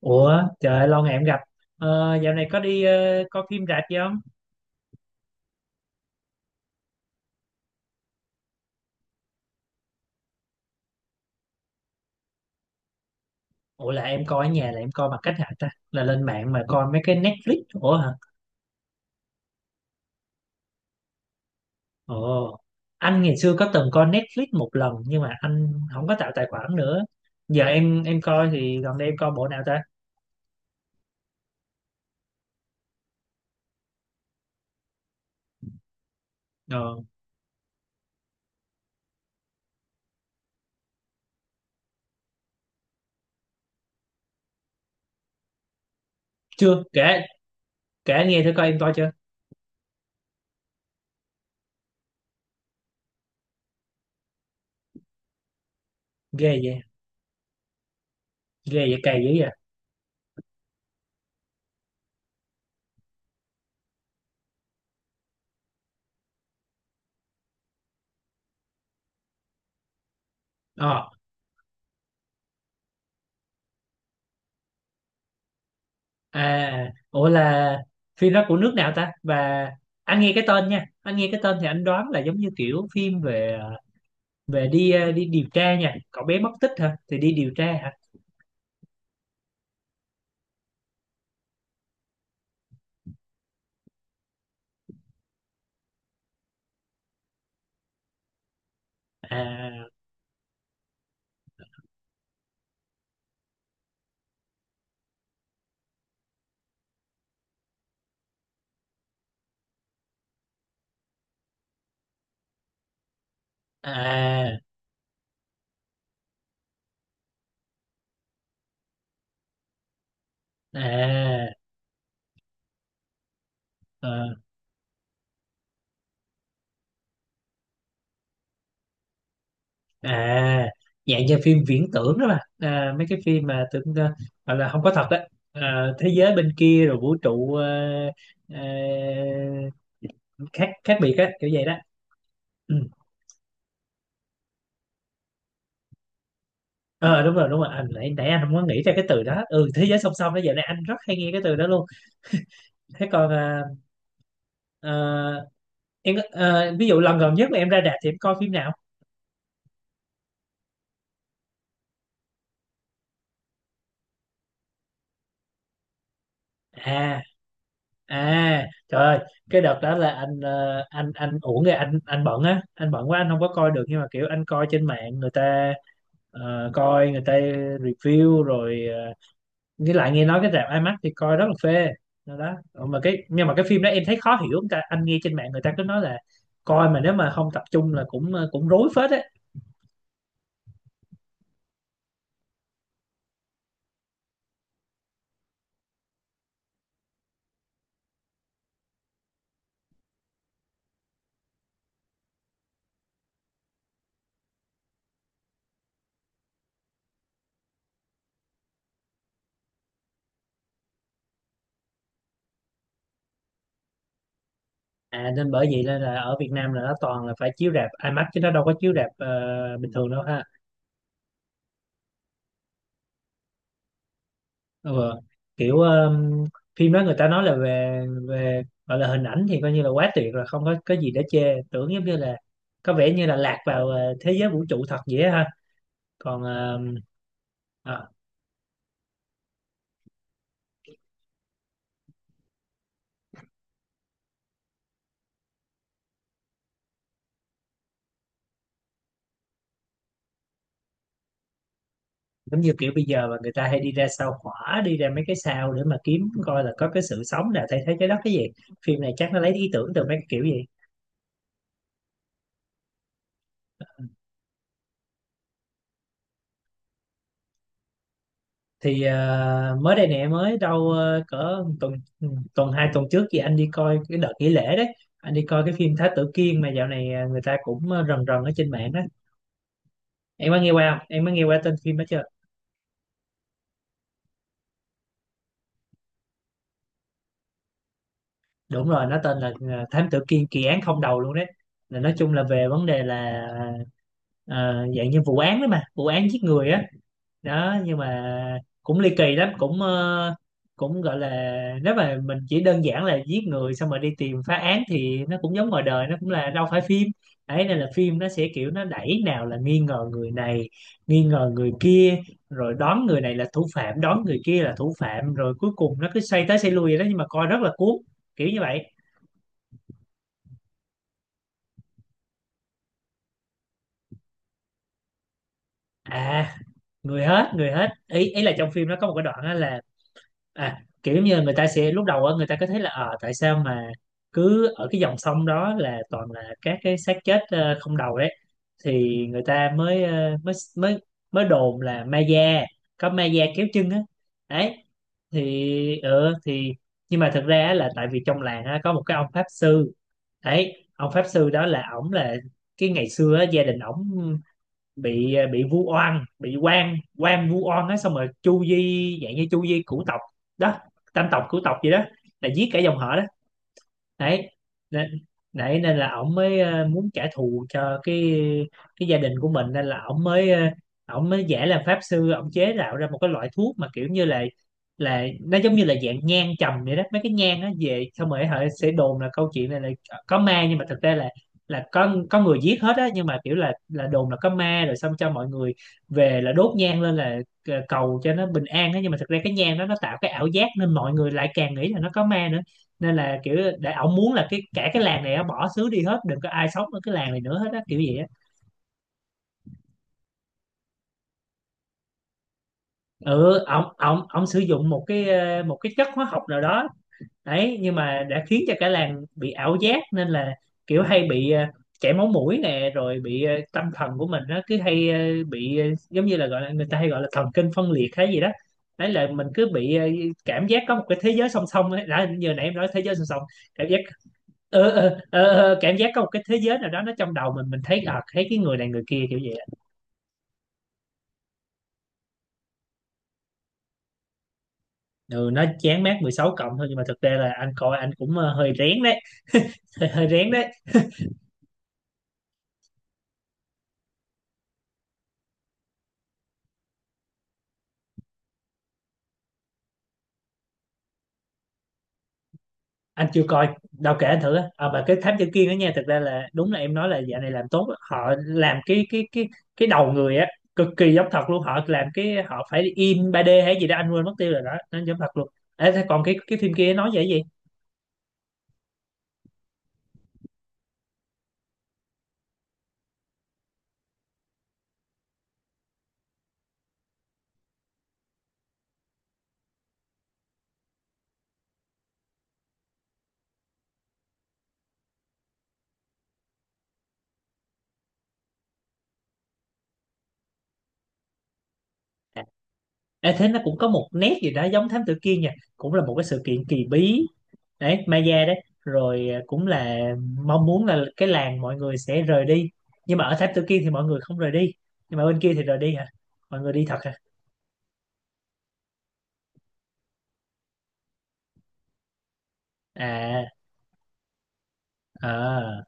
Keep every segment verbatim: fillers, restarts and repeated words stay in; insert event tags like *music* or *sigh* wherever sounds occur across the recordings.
Ủa trời ơi, lâu ngày em gặp. ờ, Dạo này có đi ờ, coi phim rạp gì không? Ủa là em coi ở nhà là em coi bằng cách hả ta? Là lên mạng mà coi mấy cái Netflix ủa hả? Ồ, anh ngày xưa có từng coi Netflix một lần nhưng mà anh không có tạo tài khoản nữa. Giờ em em coi thì gần đây em coi bộ nào ta? Ờ, chưa kể, kể anh nghe thử coi, em coi chưa? Ghê vậy. Ghê vậy, cày dữ vậy. Ờ, à ủa là phim đó của nước nào ta? Và anh nghe cái tên, nha anh nghe cái tên thì anh đoán là giống như kiểu phim về ờ, về đi ờ, đi điều tra, nha cậu bé mất tích hả, thì đi điều tra hả? À, à, à, ờ, à dạng như phim viễn tưởng đó mà, à mấy cái phim mà tưởng, ờ, gọi là không có thật đấy, à thế giới bên kia rồi vũ trụ, ờ, ờ, khác, khác biệt á kiểu vậy đó. Ừ. Ờ đúng rồi, đúng rồi. Anh nãy nãy anh không có nghĩ ra cái từ đó. Ừ, thế giới song song đó, giờ này anh rất hay nghe cái từ đó luôn. Thế còn ờ, ờ, em có- ờ, ví dụ lần gần nhất mà em ra rạp thì em coi phim nào? À, à trời ơi, cái đợt đó là anh ờ, anh anh uổng rồi, anh anh bận á, anh bận quá, anh không có coi được. Nhưng mà kiểu anh coi trên mạng người ta, ờ, coi người ta review rồi. ờ, với lại nghe nói cái rạp IMAX thì coi rất là phê đó, đó. Ờ, mà cái nhưng mà cái phim đó em thấy khó hiểu. Người ta, anh nghe trên mạng người ta cứ nói là coi mà nếu mà không tập trung là cũng ờ, cũng rối phết á. À nên bởi vậy nên là ở Việt Nam là nó toàn là phải chiếu rạp IMAX chứ nó đâu có chiếu rạp ờ, bình thường đâu ha. Ừ. Kiểu um, phim đó người ta nói là về, về gọi là hình ảnh thì coi như là quá tuyệt rồi, không có có gì để chê, tưởng giống như là có vẻ như là lạc vào ờ, thế giới vũ trụ thật vậy á ha. Còn um, ờ, giống như kiểu bây giờ mà người ta hay đi ra sao hỏa, đi ra mấy cái sao để mà kiếm coi là có cái sự sống nào thay thế trái đất cái gì. Phim này chắc nó lấy ý tưởng từ mấy cái kiểu gì. Thì ờ, mới đây nè, mới đâu ờ, cỡ tuần, tuần hai tuần trước thì anh đi coi cái đợt nghỉ lễ đấy. Anh đi coi cái phim Thái Tử Kiên mà dạo này ờ, người ta cũng ờ, rần rần ở trên mạng á. Em có nghe qua không, em có nghe qua tên phim đó chưa? Đúng rồi, nó tên là ờ, Thám Tử Kiên kỳ án không đầu luôn đấy. Là nói chung là về vấn đề là ờ, dạng như vụ án đó mà, vụ án giết người á. Đó, nhưng mà cũng ly kỳ lắm, cũng ờ, cũng gọi là, nếu mà mình chỉ đơn giản là giết người xong rồi đi tìm phá án thì nó cũng giống ngoài đời, nó cũng là đâu phải phim. Ấy nên là phim nó sẽ kiểu nó đẩy, nào là nghi ngờ người này, nghi ngờ người kia, rồi đoán người này là thủ phạm, đoán người kia là thủ phạm, rồi cuối cùng nó cứ xoay tới xoay lui vậy đó, nhưng mà coi rất là cuốn, kiểu như vậy. À, người hết, người hết. Ý, ý là trong phim nó có một cái đoạn á là, à kiểu giống như người ta sẽ lúc đầu á, người ta có thấy là ờ tại sao mà cứ ở cái dòng sông đó là toàn là các cái xác chết ờ, không đầu đấy. Thì người ta mới ờ, mới mới mới đồn là ma da, có ma da kéo chân á. Đấy. Thì ừ thì nhưng mà thực ra á là tại vì trong làng á, có một cái ông pháp sư. Đấy, ông pháp sư đó là ổng là cái ngày xưa á, gia đình ổng bị ờ, bị vu oan, bị quan quan vu oan á, xong rồi chu di, dạng như chu di cửu tộc đó, tam tộc cửu tộc gì đó, là giết cả dòng họ. Đấy nên, đấy nên là ổng mới ờ, muốn trả thù cho cái cái gia đình của mình nên là ổng mới ờ, ổng mới giả làm pháp sư, ổng chế tạo ra một cái loại thuốc mà kiểu như là là nó giống như là dạng nhang trầm vậy đó. Mấy cái nhang nó về xong rồi họ sẽ đồn là câu chuyện này là có ma nhưng mà thực ra là là có có người giết hết á. Nhưng mà kiểu là là đồn là có ma rồi xong cho mọi người về là đốt nhang lên là ờ, cầu cho nó bình an á, nhưng mà thực ra cái nhang đó nó tạo cái ảo giác nên mọi người lại càng nghĩ là nó có ma nữa. Nên là kiểu để ổng muốn là cái cả cái làng này á, bỏ xứ đi hết, đừng có ai sống ở cái làng này nữa hết á kiểu gì á. Ừ, ổng ổng ổng sử dụng một cái ờ, một cái chất hóa học nào đó. Đấy, nhưng mà đã khiến cho cả làng bị ảo giác nên là kiểu hay bị ờ, chảy máu mũi nè, rồi bị ờ, tâm thần của mình nó cứ hay ờ, bị ờ, giống như là gọi là người ta hay gọi là thần kinh phân liệt hay gì đó. Đấy là mình cứ bị ờ, cảm giác có một cái thế giới song song ấy, đã như hồi nãy em nói thế giới song song. Cảm giác ờ, ờ, ờ, ờ, cảm giác có một cái thế giới nào đó nó trong đầu mình mình thấy, à thấy cái người này người kia kiểu vậy á. Ừ, nó chán mát mười sáu cộng thôi, nhưng mà thực ra là anh coi anh cũng ờ, hơi rén đấy. *laughs* Hơi, hơi rén đấy. Anh chưa coi đâu, kể anh thử á. À, mà cái thám tử kia đó nha, thực ra là đúng là em nói là dạo này làm tốt á. Họ làm cái cái cái cái đầu người á cực kỳ giống thật luôn. Họ làm cái họ phải in ba d hay gì đó anh quên mất tiêu rồi đó, nó giống thật luôn. Ê, thế còn cái cái phim kia nói về cái gì? Dạ. Ê, thế nó cũng có một nét gì đó giống thám tử kia nha, cũng là một cái sự kiện kỳ bí đấy Maya đấy, rồi à cũng là mong muốn là cái làng mọi người sẽ rời đi. Nhưng mà ở tháp Tự Kiên thì mọi người không rời đi, nhưng mà bên kia thì rời đi hả, mọi người đi thật hả? À, à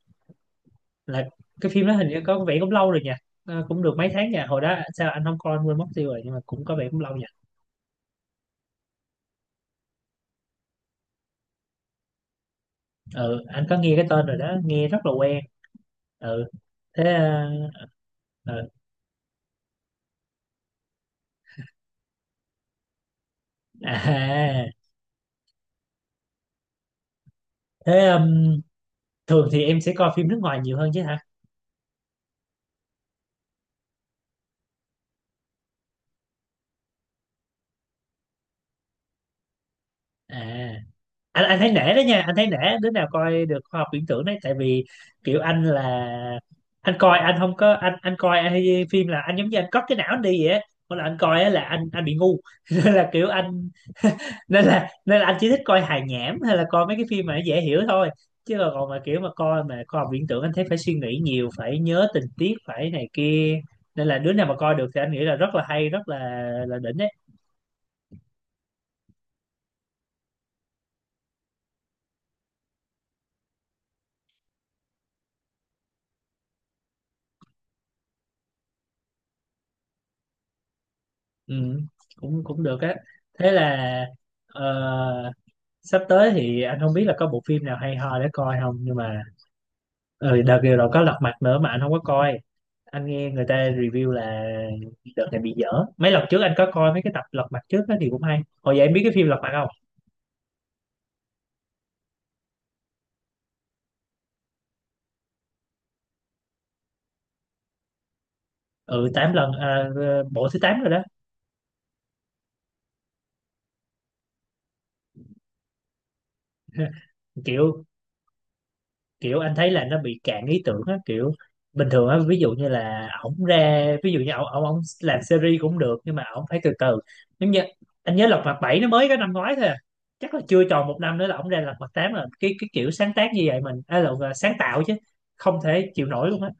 là cái phim đó hình như có vẻ cũng lâu rồi nhỉ. Ờ, cũng được mấy tháng nha, hồi đó sao anh không coi, anh quên mất tiêu rồi, nhưng mà cũng có vẻ cũng lâu nha. Ừ, anh có nghe cái tên rồi đó, nghe rất là quen. Ừ, thế à, ờ, à thế um, thường thì em sẽ coi phim nước ngoài nhiều hơn chứ hả? À, anh anh thấy nể đó nha, anh thấy nể đứa nào coi được khoa học viễn tưởng đấy. Tại vì kiểu anh là, anh coi anh không có anh anh coi anh hay phim là anh giống như anh cất cái não anh đi vậy á. Mỗi lần anh coi á là anh anh bị ngu. *laughs* nên là kiểu anh Nên là nên là anh chỉ thích coi hài nhảm hay là coi mấy cái phim mà nó dễ hiểu thôi. Chứ còn còn mà kiểu mà coi mà khoa học viễn tưởng anh thấy phải suy nghĩ nhiều, phải nhớ tình tiết, phải này kia. Nên là đứa nào mà coi được thì anh nghĩ là rất là hay, rất là là đỉnh đấy. Ừ, cũng cũng được á. Thế là ờ, sắp tới thì anh không biết là có bộ phim nào hay ho để coi không, nhưng mà ừ, đợt vừa rồi có Lật Mặt nữa mà anh không có coi. Anh nghe người ta review là đợt này bị dở. Mấy lần trước anh có coi mấy cái tập Lật Mặt trước đó thì cũng hay hồi vậy. Em biết cái phim Lật Mặt không? Ừ, tám lần à, ờ, bộ thứ tám rồi đó. Kiểu kiểu anh thấy là nó bị cạn ý tưởng á. Kiểu bình thường á, ví dụ như là ổng ra, ví dụ như ổng ổng ổng làm series cũng được nhưng mà ổng phải từ từ. Giống như anh nhớ Lật Mặt bảy nó mới có năm ngoái thôi à. Chắc là chưa tròn một năm nữa là ổng ra Lật Mặt tám. Là cái cái kiểu sáng tác như vậy mình, à là sáng tạo chứ không thể chịu nổi luôn á.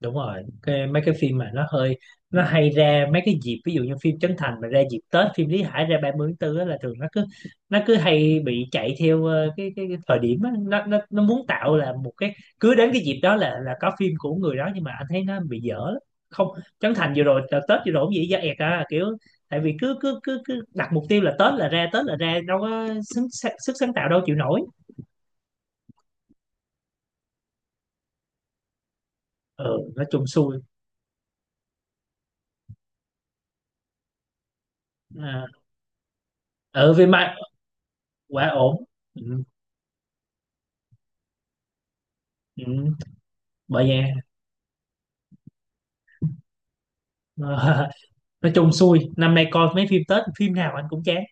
Đúng rồi, cái mấy cái phim mà nó hơi, nó hay ra mấy cái dịp, ví dụ như phim Trấn Thành mà ra dịp Tết, phim Lý Hải ra ba mươi tháng tư á, là thường nó cứ nó cứ hay bị chạy theo ờ, cái cái, cái thời điểm á, nó, nó nó muốn tạo là một cái cứ đến cái dịp đó là là có phim của người đó, nhưng mà anh thấy nó bị dở lắm. Không, Trấn Thành vừa rồi đợt Tết vừa rồi cũng vậy, da ẹt à kiểu. Tại vì cứ cứ cứ cứ đặt mục tiêu là Tết là ra, Tết là ra, đâu có sức, sức sáng tạo đâu chịu nổi. Ừ, nói chung xui. À, ừ vì mà quá ổn. Ừ, ừ. Bởi vậy. Ờ, *laughs* nói chung xui năm nay coi mấy phim Tết phim nào anh cũng chán.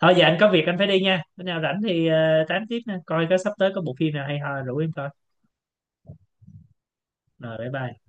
Thôi giờ anh có việc anh phải đi nha, bữa nào rảnh thì ờ, tám tiếp nha, coi có sắp tới có bộ phim nào hay ho rủ em coi. Rồi bye bye.